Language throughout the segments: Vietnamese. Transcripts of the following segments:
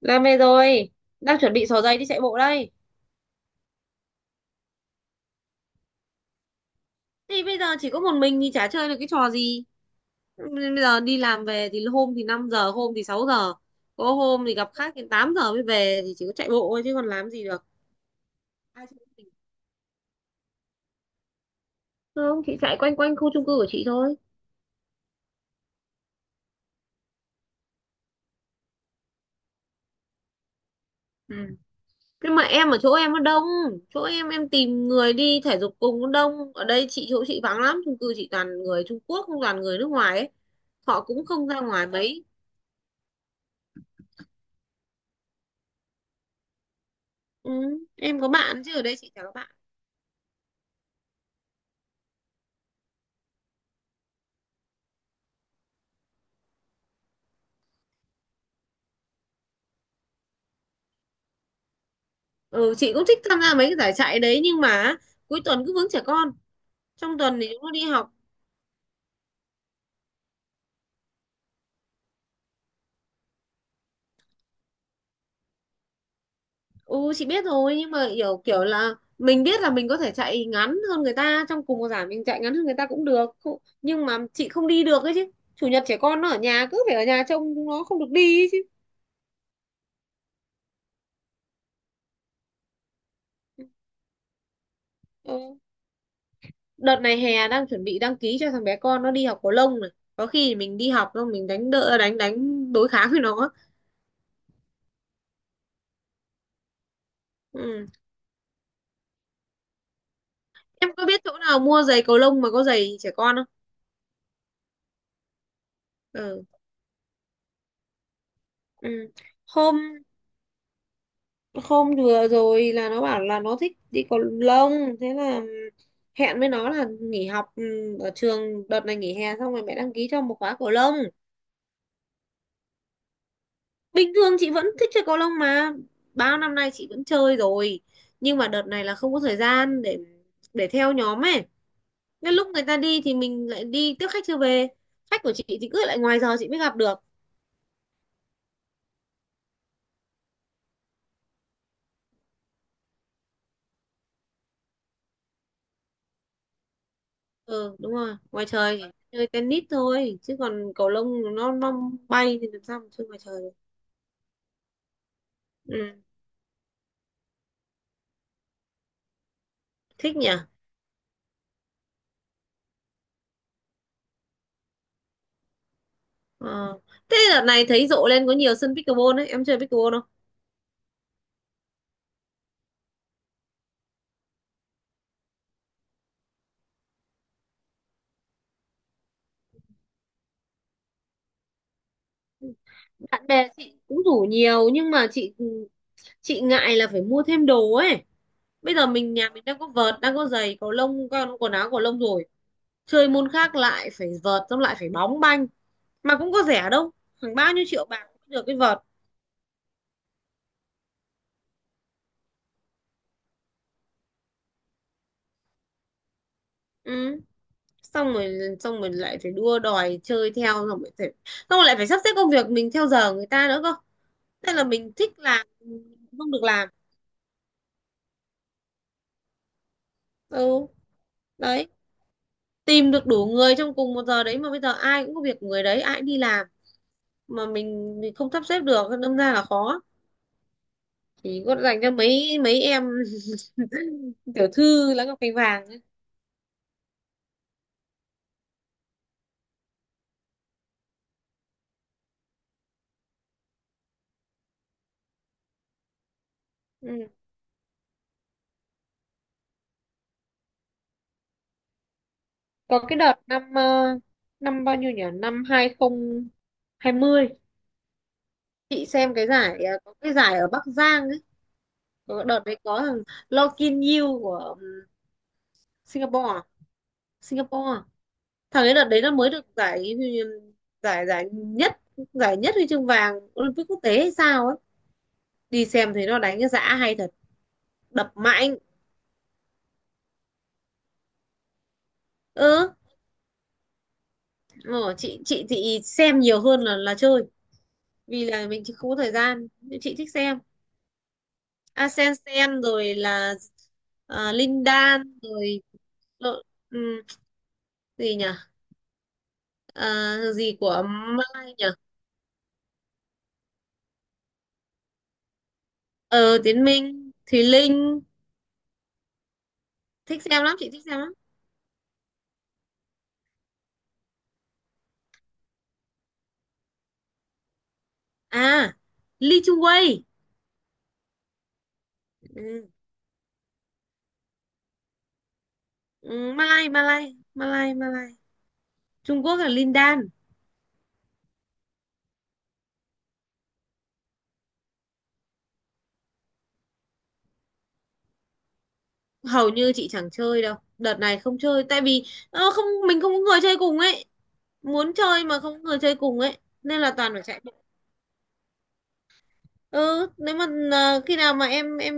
Làm về rồi, đang chuẩn bị xỏ giày đi chạy bộ đây. Thì bây giờ chỉ có một mình thì chả chơi được cái trò gì. Bây giờ đi làm về thì hôm thì 5 giờ, hôm thì 6 giờ. Có hôm thì gặp khách đến 8 giờ mới về thì chỉ có chạy bộ thôi chứ còn làm gì được. Ai chạy với mình? Không, chị chạy quanh quanh khu chung cư của chị thôi. Ừ. Nhưng mà em ở chỗ em nó đông, chỗ em tìm người đi thể dục cùng nó đông. Ở đây chị chỗ chị vắng lắm, chung cư chị toàn người Trung Quốc, toàn người nước ngoài ấy. Họ cũng không ra ngoài mấy. Ừ. Em có bạn chứ ở đây chị chả có bạn. Ừ, chị cũng thích tham gia mấy cái giải chạy đấy, nhưng mà cuối tuần cứ vướng trẻ con, trong tuần thì chúng nó đi học. Ừ chị biết rồi, nhưng mà kiểu kiểu là mình biết là mình có thể chạy ngắn hơn người ta, trong cùng một giải mình chạy ngắn hơn người ta cũng được. Không- nhưng mà chị không đi được ấy chứ, chủ nhật trẻ con nó ở nhà cứ phải ở nhà trông chúng nó không được đi ấy chứ. Ừ. Đợt này hè đang chuẩn bị đăng ký cho thằng bé con nó đi học cầu lông này, có khi thì mình đi học xong mình đánh đỡ đánh đánh đối kháng với nó. Ừ. Em có biết chỗ nào mua giày cầu lông mà có giày trẻ con không? Ừ. Ừ. hôm Hôm vừa rồi là nó bảo là nó thích đi cầu lông, thế là hẹn với nó là nghỉ học ở trường, đợt này nghỉ hè xong rồi mẹ đăng ký cho một khóa cầu lông. Bình thường chị vẫn thích chơi cầu lông mà, bao năm nay chị vẫn chơi rồi, nhưng mà đợt này là không có thời gian để theo nhóm ấy, nên lúc người ta đi thì mình lại đi tiếp khách chưa về, khách của chị thì cứ lại ngoài giờ chị mới gặp được. Ừ đúng rồi, ngoài trời chỉ chơi tennis thôi chứ còn cầu lông nó bay thì làm sao mà chơi ngoài trời được. Ừ. Thích nhỉ. Ờ. Thế đợt này thấy rộ lên có nhiều sân pickleball đấy, em chơi pickleball không? Bạn bè chị cũng rủ nhiều nhưng mà chị ngại là phải mua thêm đồ ấy, bây giờ mình nhà mình đang có vợt, đang có giày cầu lông con, quần áo cầu lông rồi, chơi môn khác lại phải vợt, xong lại phải bóng banh, mà cũng có rẻ đâu, khoảng bao nhiêu triệu bạc cũng được cái vợt. Ừ, xong rồi lại phải đua đòi chơi theo, xong rồi phải xong rồi lại phải sắp xếp công việc mình theo giờ người ta nữa cơ, nên là mình thích làm mình không được làm. Ừ, đấy, tìm được đủ người trong cùng một giờ đấy, mà bây giờ ai cũng có việc của người đấy, ai cũng đi làm, mà mình không sắp xếp được đâm ra là khó, chỉ có dành cho mấy mấy em tiểu thư lá ngọc cành vàng ấy. Ừ. Có cái đợt năm năm bao nhiêu nhỉ, năm hai không hai mươi, chị xem cái giải có cái giải ở Bắc Giang. Ờ, đợt đấy có thằng Lo Kin Yew của Singapore à? Singapore à? Thằng ấy đợt đấy nó mới được giải, giải nhất, giải nhất huy chương vàng Olympic quốc tế hay sao ấy, đi xem thấy nó đánh cái dã hay thật, đập mạnh. Ừ. Ờ, chị chị xem nhiều hơn là chơi, vì là mình chỉ không có thời gian, nhưng chị thích xem. Asensen rồi là, à, Linh Đan rồi, lộ- ừm, gì nhỉ, à, gì của Mai nhỉ, ờ Tiến Minh, Thùy Linh, thích xem lắm, chị thích xem lắm. À, Lee Chung Wei. Ừ. Ừ, Malay Malay Malay Malay. Trung Quốc là Lin Dan. Hầu như chị chẳng chơi đâu, đợt này không chơi tại vì không, mình không có người chơi cùng ấy, muốn chơi mà không có người chơi cùng ấy nên là toàn phải chạy bộ. Ừ, nếu mà khi nào mà em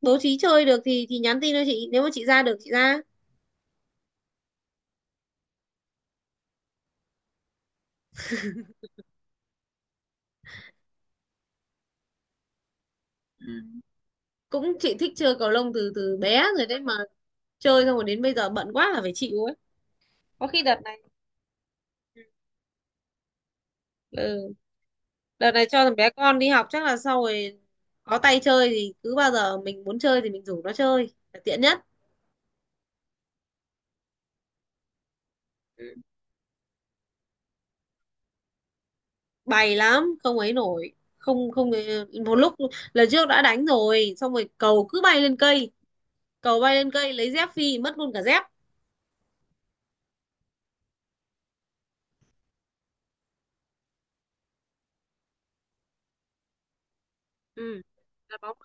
bố trí chơi được thì nhắn tin cho chị, nếu mà chị ra được chị ra. Cũng chị thích chơi cầu lông từ từ bé rồi đấy mà, chơi xong rồi đến bây giờ bận quá là phải chịu ấy. Có khi đợt này, ừ, đợt này cho thằng bé con đi học chắc là sau rồi có tay chơi thì cứ bao giờ mình muốn chơi thì mình rủ nó chơi là tiện nhất. Ừ. Bày lắm không ấy nổi, không không, một lúc, lần trước đã đánh rồi xong rồi cầu cứ bay lên cây, cầu bay lên cây lấy dép phi mất luôn cả dép. Ừ. đá bóng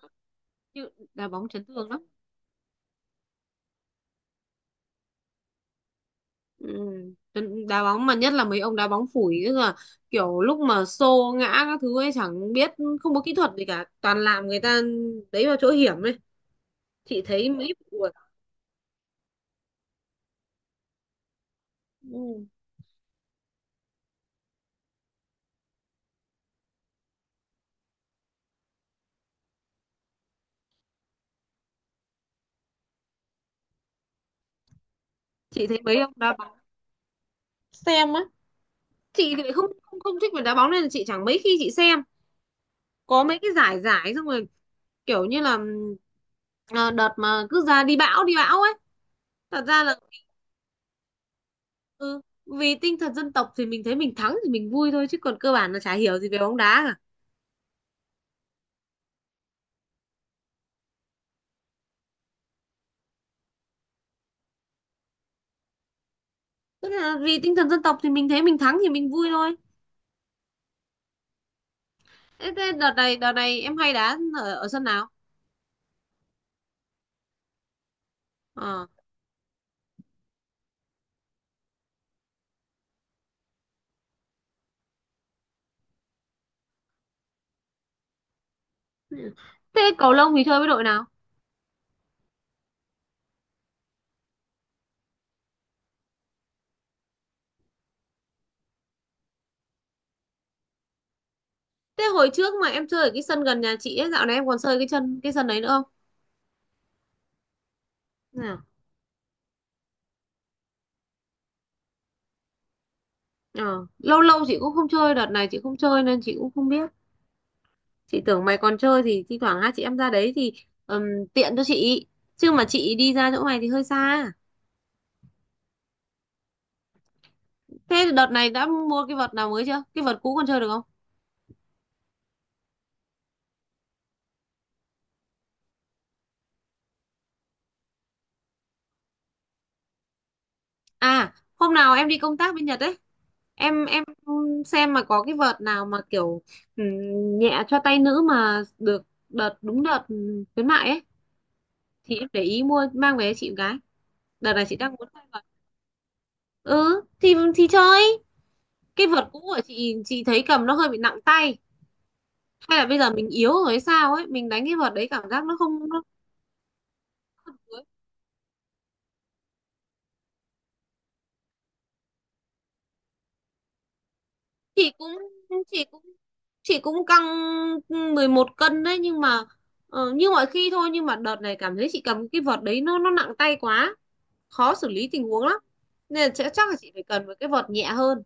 đá bóng chấn thương lắm. Ừ. Đá bóng mà nhất là mấy ông đá bóng phủi ấy là kiểu lúc mà xô ngã các thứ ấy chẳng biết, không có kỹ thuật gì cả, toàn làm người ta đấy vào chỗ hiểm ấy. Chị thấy mấy vụ-. Ừ. Chị thấy mấy ông đá bóng. Xem á? Chị thì lại không không không thích về đá bóng nên là chị chẳng mấy khi chị xem, có mấy cái giải, giải xong rồi kiểu như là à, đợt mà cứ ra đi bão ấy, thật ra là, ừ, vì tinh thần dân tộc thì mình thấy mình thắng thì mình vui thôi chứ còn cơ bản là chả hiểu gì về bóng đá. Tức là vì tinh thần dân tộc thì mình thấy mình thắng thì mình vui thôi. Thế, thế đợt này em hay đá ở sân nào? Ờ. Thế cầu lông thì chơi với đội nào? Thế hồi trước mà em chơi ở cái sân gần nhà chị ấy, dạo này em còn chơi cái chân cái sân đấy nữa không? Nào. Ờ. Lâu lâu chị cũng không chơi, đợt này chị không chơi nên chị cũng không biết. Chị tưởng mày còn chơi thì thi thoảng hai chị em ra đấy thì ừm, tiện cho chị. Chứ mà chị đi ra chỗ mày thì hơi xa. Thế đợt này đã mua cái vợt nào mới chưa? Cái vợt cũ còn chơi được không? À, hôm nào em đi công tác bên Nhật ấy, em xem mà có cái vợt nào mà kiểu, ừ, nhẹ cho tay nữ mà được, đợt đúng đợt, ừ, khuyến mại ấy thì em để ý mua mang về cho chị một cái. Đợt này chị đang muốn chơi vợt, ừ thì chơi, cái vợt cũ của chị thấy cầm nó hơi bị nặng tay, hay là bây giờ mình yếu rồi hay sao ấy, mình đánh cái vợt đấy cảm giác nó không nó, chị cũng chị cũng chị cũng căng 11 cân đấy nhưng mà như mọi khi thôi, nhưng mà đợt này cảm thấy chị cầm cái vợt đấy nó nặng tay quá, khó xử lý tình huống lắm, nên là sẽ- chắc là chị phải cần một cái vợt nhẹ hơn.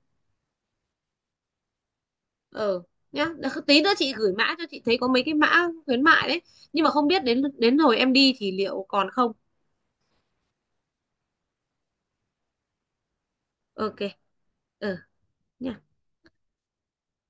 Ờ nhá. Đ- tí nữa chị gửi mã cho chị thấy có mấy cái mã khuyến mại đấy, nhưng mà không biết đến đến hồi em đi thì liệu còn không. OK. Ờ nhá.